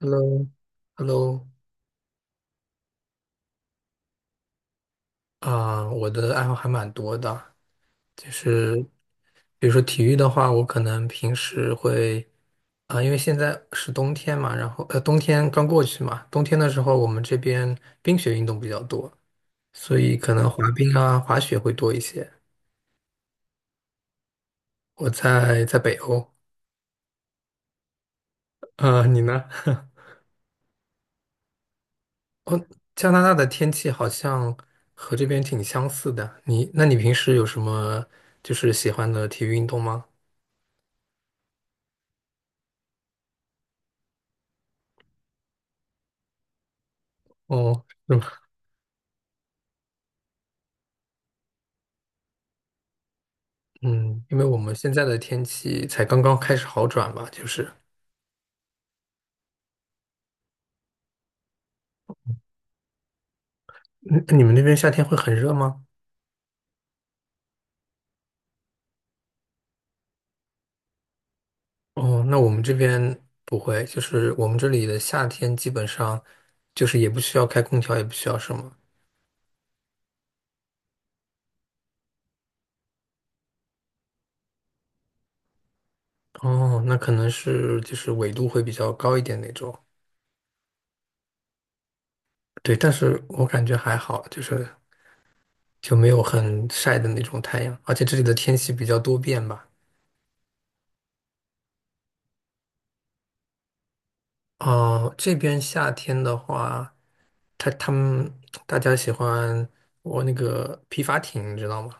Hello，Hello，啊，我的爱好还蛮多的，就是比如说体育的话，我可能平时会啊，因为现在是冬天嘛，然后冬天刚过去嘛，冬天的时候我们这边冰雪运动比较多，所以可能滑冰啊、滑雪会多一些。我在北欧，你呢？加拿大的天气好像和这边挺相似的。那你平时有什么就是喜欢的体育运动吗？哦，嗯，因为我们现在的天气才刚刚开始好转吧，就是，嗯你们那边夏天会很热吗？哦，那我们这边不会，就是我们这里的夏天基本上就是也不需要开空调，也不需要什么。哦，那可能是就是纬度会比较高一点那种。对，但是我感觉还好，就是就没有很晒的那种太阳，而且这里的天气比较多变吧。哦，这边夏天的话，他们大家喜欢我那个皮筏艇，你知道吗？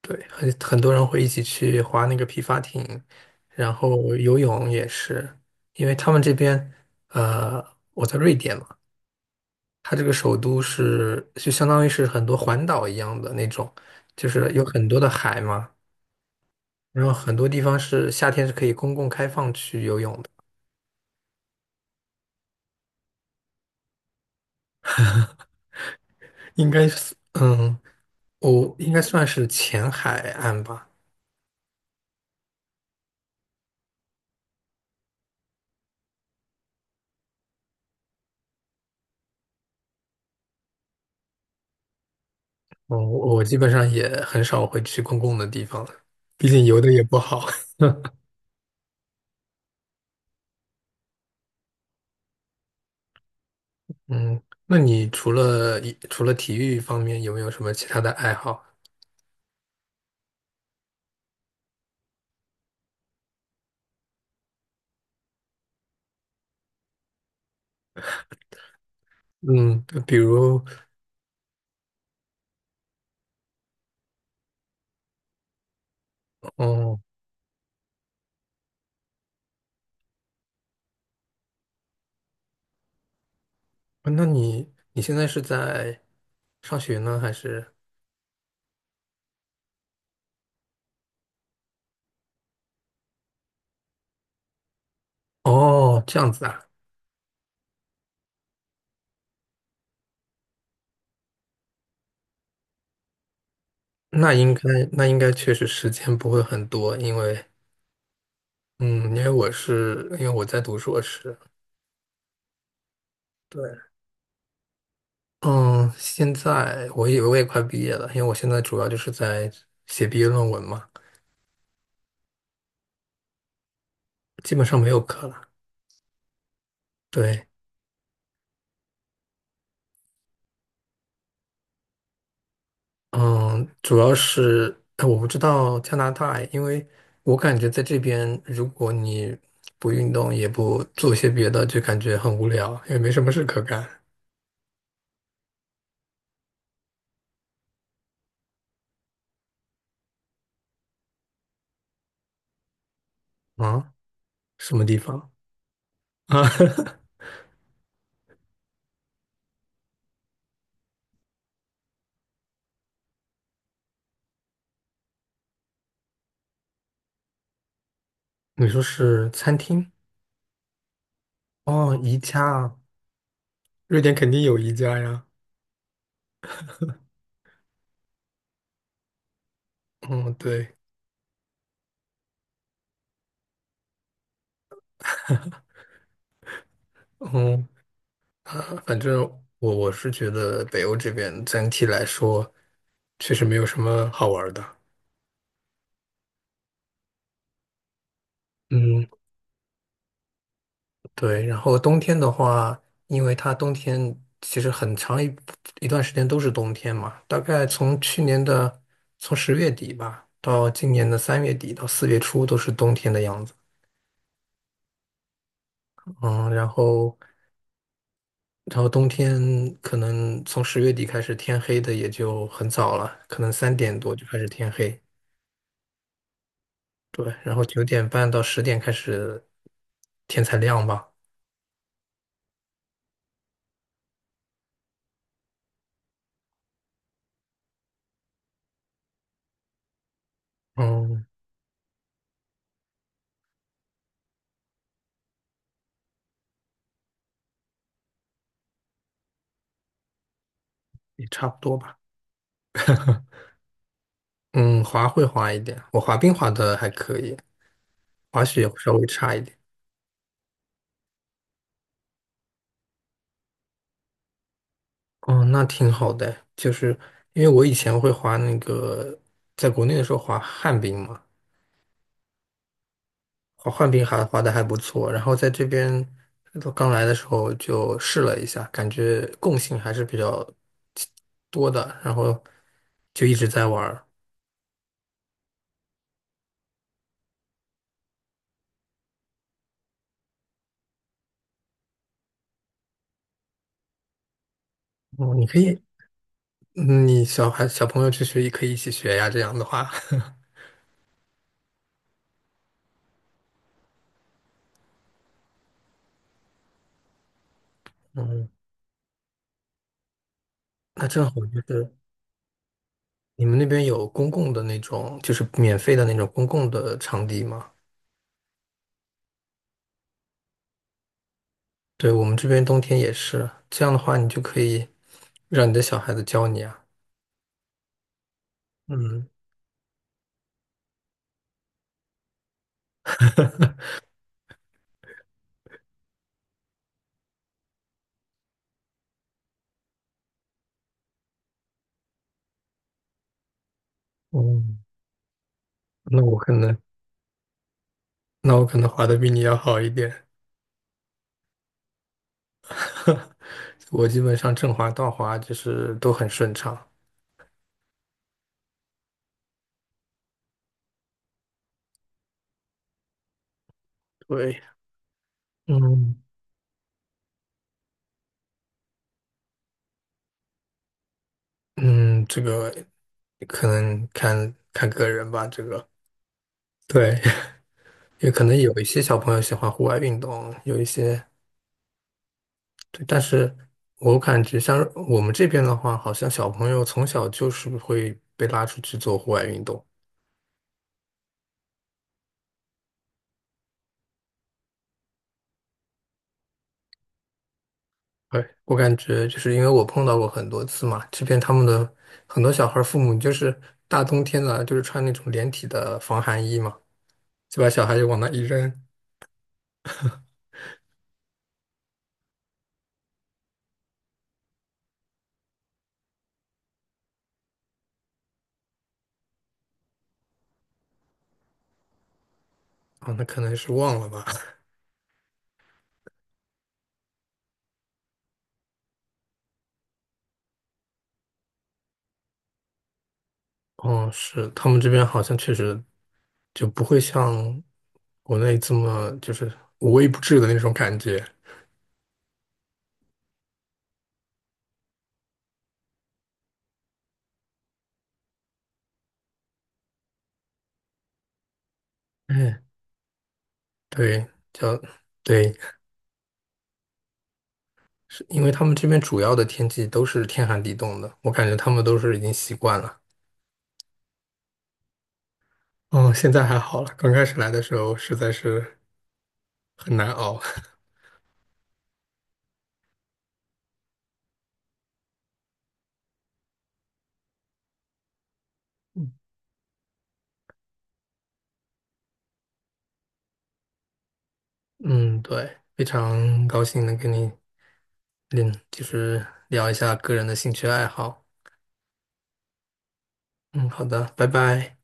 对，很多人会一起去划那个皮筏艇，然后游泳也是，因为他们这边，呃，我在瑞典嘛，它这个首都是就相当于是很多环岛一样的那种，就是有很多的海嘛，然后很多地方是夏天是可以公共开放去游泳的，应该是，嗯。我应该算是前海岸吧。嗯，我基本上也很少会去公共的地方了，毕竟游的也不好。嗯，那你除了体育方面，有没有什么其他的爱好？嗯，比如，哦，那你现在是在上学呢，还是？哦，这样子啊，那应该那应该确实时间不会很多，因为嗯，因为我在读硕士，对。嗯，现在我以为我也快毕业了，因为我现在主要就是在写毕业论文嘛，基本上没有课了。对，嗯，主要是我不知道加拿大，因为我感觉在这边，如果你不运动也不做些别的，就感觉很无聊，也没什么事可干。啊，什么地方啊？你说是餐厅？哦，宜家啊，瑞典肯定有宜家呀。嗯，对，嗯 啊，反正我是觉得北欧这边整体来说确实没有什么好玩儿的。嗯，对。然后冬天的话，因为它冬天其实很长一段时间都是冬天嘛，大概从去年的从十月底吧，到今年的3月底到4月初都是冬天的样子。嗯，然后冬天可能从十月底开始天黑的也就很早了，可能3点多就开始天黑。对，然后9点半到10点开始，天才亮吧，嗯，也差不多吧。嗯，滑会滑一点，我滑冰滑的还可以，滑雪稍微差一点。哦，那挺好的，就是因为我以前会滑那个，在国内的时候滑旱冰嘛，滑旱冰还滑的还不错，然后在这边刚来的时候就试了一下，感觉共性还是比较多的，然后就一直在玩儿。哦，你可以，嗯你小孩小朋友去学也可以一起学呀，这样的话，嗯，那正好就是你们那边有公共的那种，就是免费的那种公共的场地吗？对，我们这边冬天也是，这样的话你就可以让你的小孩子教你啊。嗯，哦，那我可能，那我可能滑的比你要好一点，我基本上正滑、倒滑就是都很顺畅。对，嗯嗯，这个可能看看个人吧，这个。对，也可能有一些小朋友喜欢户外运动，有一些，对，但是我感觉像我们这边的话，好像小朋友从小就是会被拉出去做户外运动。对，我感觉就是因为我碰到过很多次嘛，这边他们的很多小孩儿父母就是大冬天的，就是穿那种连体的防寒衣嘛，就把小孩就往那一扔，啊，那可能是忘了吧。哦，是，他们这边好像确实就不会像国内这么就是无微不至的那种感觉。嗯，对，叫对，是因为他们这边主要的天气都是天寒地冻的，我感觉他们都是已经习惯了。嗯，现在还好了，刚开始来的时候实在是很难熬。嗯，对，非常高兴能跟你就是聊一下个人的兴趣爱好。嗯，好的，拜拜。